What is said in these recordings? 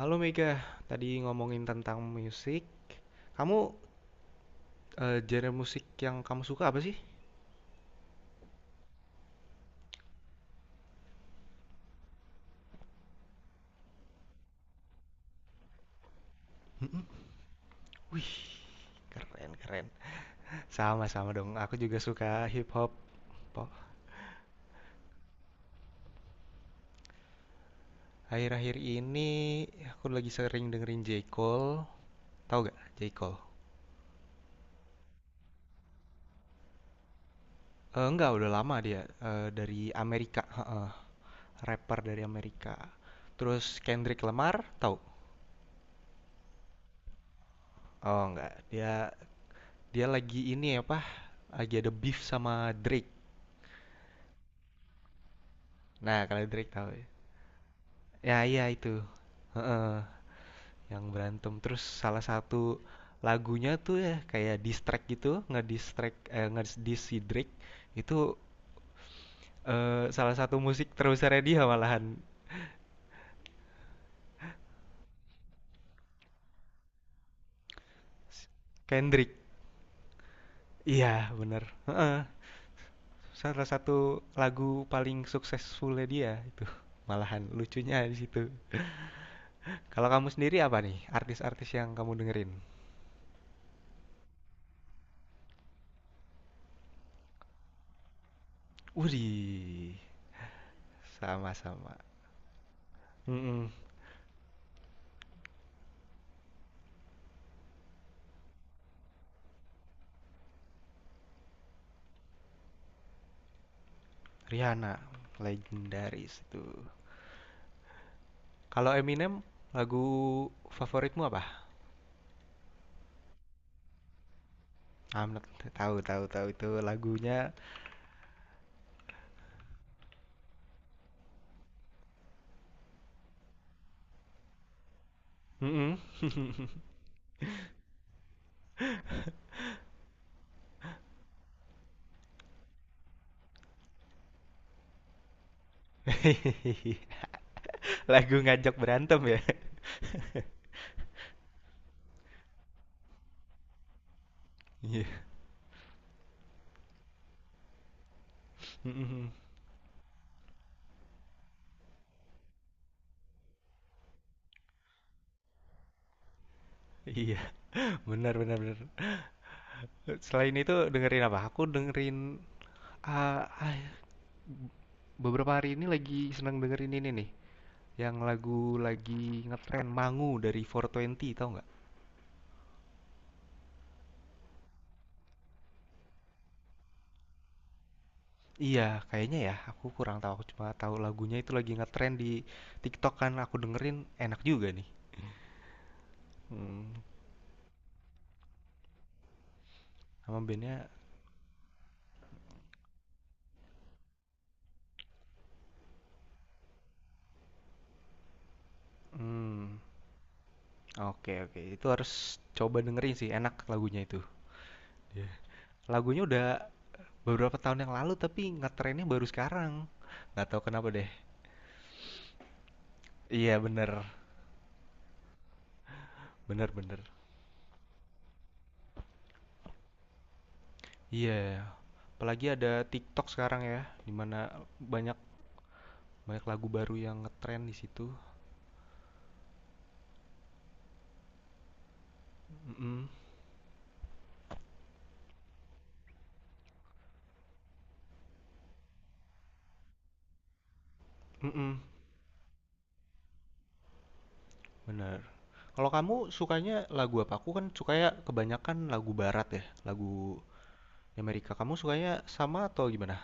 Halo Mega, tadi ngomongin tentang musik. Kamu genre musik yang kamu suka apa sih? Mm-mm. Wih, keren keren. Sama-sama dong, aku juga suka hip hop. Po- Akhir-akhir ini aku lagi sering dengerin J. Cole. Tahu gak J. Cole? Eh, enggak, udah lama dia, dari Amerika, heeh. Rapper dari Amerika. Terus Kendrick Lamar, tahu? Oh enggak, dia dia lagi ini apa? Lagi ada beef sama Drake. Nah, kalau Drake tahu. Ya iya itu. Heeh, yang berantem. Terus salah satu lagunya tuh ya kayak distrack gitu, ngedistrack eh ngediss si itu, salah satu musik terbesarnya dia malahan. Kendrick. Iya, bener. Heeh, salah satu lagu paling suksesfulnya dia itu. Malahan lucunya di situ. Kalau kamu sendiri apa nih artis-artis yang kamu dengerin? Wih, sama-sama. Mm-mm. Rihanna, legendaris itu. Kalau Eminem, lagu favoritmu apa? I'm not- tahu tahu tahu itu lagunya. Mm-mm. Lagu ngajak berantem ya. Iya. mm. Iya, benar benar benar. Selain itu dengerin apa? Aku dengerin ah, ah, beberapa hari ini lagi seneng dengerin ini nih. Yang lagu lagi ngetren Mangu dari 420, tau nggak? Iya, kayaknya ya. Aku kurang tahu. Aku cuma tahu lagunya itu lagi ngetren di TikTok kan. Aku dengerin enak juga nih. Mhm, nama bandnya. Mmm, oke oke, itu harus coba dengerin sih, enak lagunya itu. Iya. Lagunya udah beberapa tahun yang lalu, tapi ngetrennya baru sekarang, nggak tahu kenapa deh. Iya bener, bener bener. Iya, apalagi ada TikTok sekarang ya, dimana banyak banyak lagu baru yang ngetren di situ. Mhm, mhm, bener. Kalau kamu sukanya lagu apa? Aku kan sukanya kebanyakan lagu barat ya, lagu Amerika. Kamu sukanya sama atau gimana?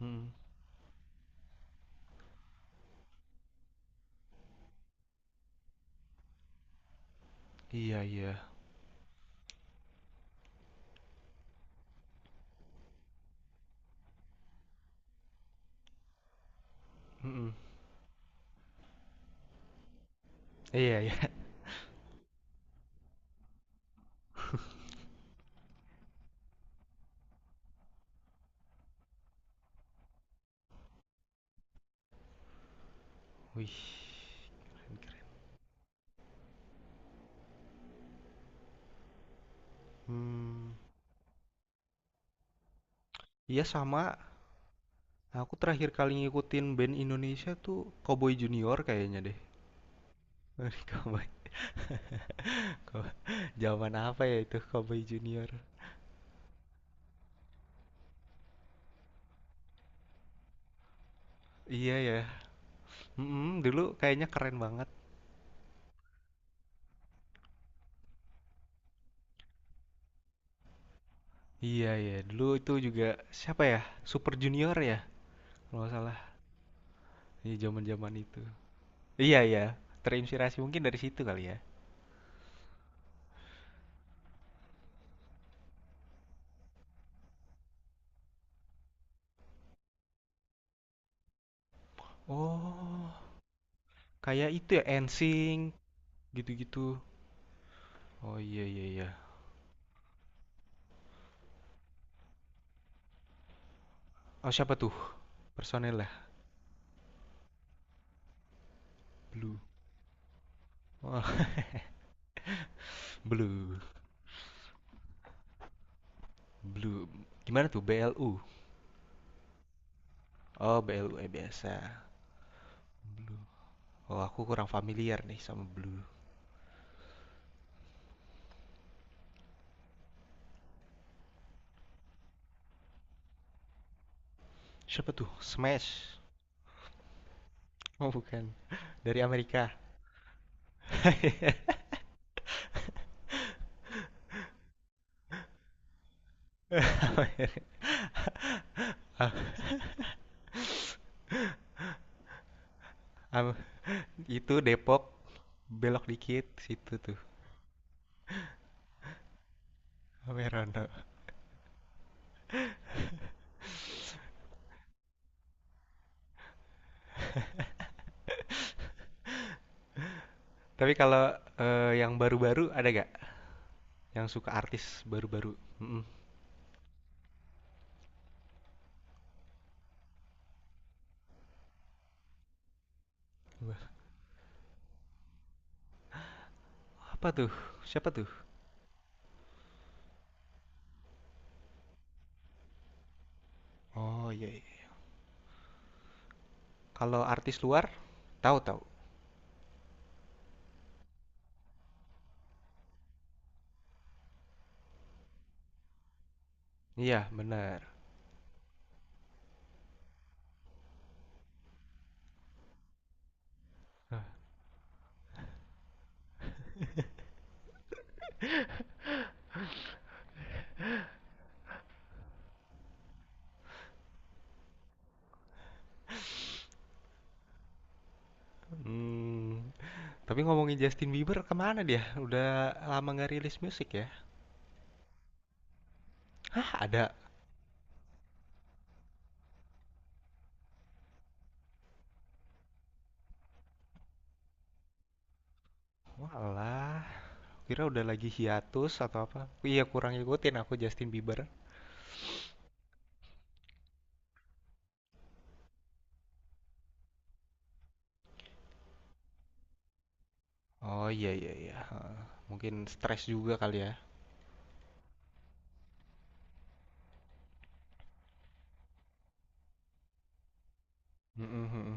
Mhm. Iya iya. Mhm. Iya iya. Wih. Mmm, iya sama, aku terakhir kali ngikutin band Indonesia tuh Cowboy Junior kayaknya deh. Cowboy Cow zaman apa ya itu Cowboy Junior? Iya ya, mhm, dulu kayaknya keren banget. Iya ya, dulu itu juga siapa ya, Super Junior ya kalau nggak salah, iya zaman-zaman itu. Iya ya, terinspirasi mungkin dari situ kali ya? Oh, kayak itu ya, NSYNC gitu-gitu. Oh, iya iya iya. Oh siapa tuh, personel lah. Blue. Wah oh, Blue Blue gimana tuh BLU? Oh BLU, biasa. Blue. Oh aku kurang familiar nih sama Blue. Siapa tuh? Smash. Oh bukan dari Amerika. itu Depok, belok dikit situ tuh. Amerono. Tapi kalau, yang baru-baru ada gak? Yang suka artis baru-baru? Mm-mm. Apa tuh? Siapa tuh? Oh iya, iya. Kalau artis luar, tahu tahu. Iya, benar. Hmm, tapi ngomongin Justin Bieber kemana dia? Udah lama nggak rilis musik ya? Hah, ada? Walah, kira udah lagi hiatus atau apa? Iya, kurang ngikutin aku Justin Bieber. Oh iya iya iya. Heeh. Mungkin stres juga kali ya. Mm-mm, mm mm.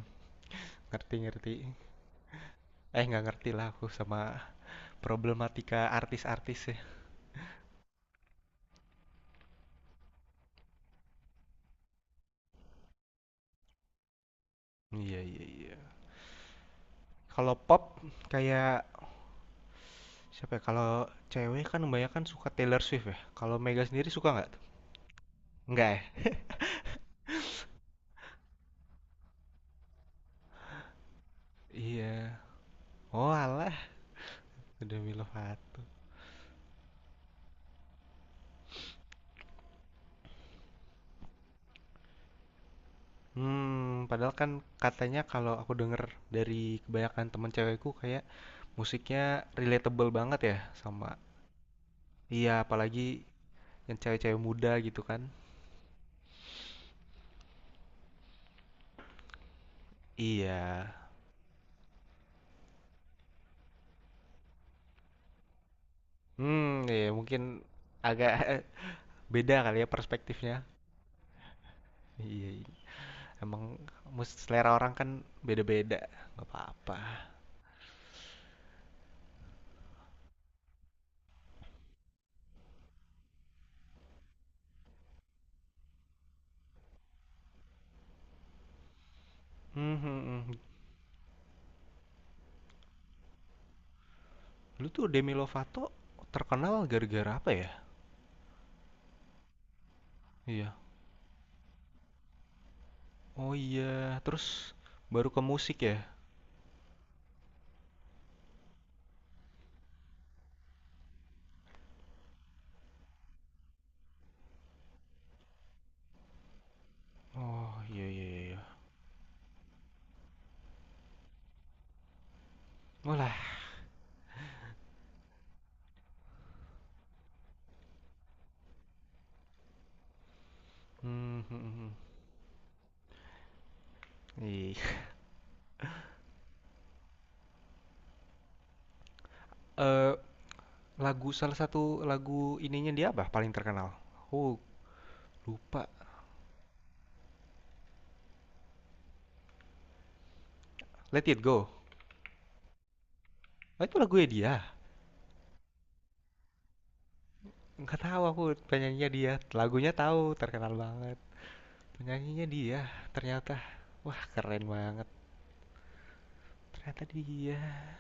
Ngerti ngerti. Eh nggak ngerti lah aku sama problematika artis-artis ya. Iya iya iya. Kalau pop kayak, siapa ya? Kalau cewek kan kebanyakan suka Taylor Swift ya. Kalau Mega sendiri suka nggak tuh? Nggak ya? Iya. Oh alah, Demi Lovato. Hmm, padahal kan katanya kalau aku denger dari kebanyakan temen cewekku kayak musiknya relatable banget ya sama. Iya, apalagi yang cewek-cewek muda gitu kan. Iya. Hmm, iya mungkin agak beda kali ya perspektifnya. Iya, iya. Emang selera orang kan beda-beda, nggak apa-apa. Hmm, hmm, hmm. Dulu tuh Demi Lovato terkenal gara-gara apa ya? Iya. Oh iya, terus baru ke musik ya? Oh iya iya iya, iya. Walah. Hmm, hmm, hmm, hmm. Ih. Eh, lagu, salah satu lagu ininya dia apa paling terkenal? Oh, lupa. Let It Go. Oh, itu lagunya dia. Nggak tahu aku penyanyinya dia. Lagunya tahu, terkenal banget. Penyanyinya dia ternyata. Wah, keren banget. Ternyata dia.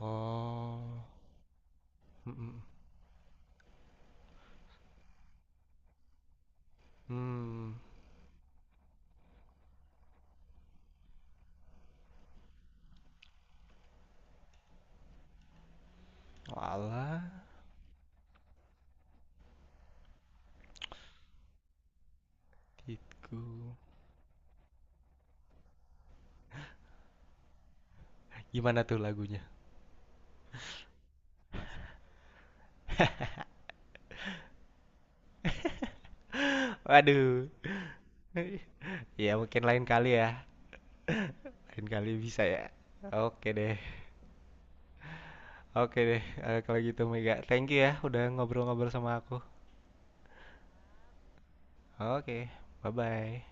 Oh. Mm. Hmm. Walah, gitu. Gimana tuh lagunya? Waduh. Ya mungkin lain kali ya. Lain kali bisa ya. Oke deh. Oke deh. Eh, kalau gitu Mega, thank you ya udah ngobrol-ngobrol sama aku. Oke, bye-bye.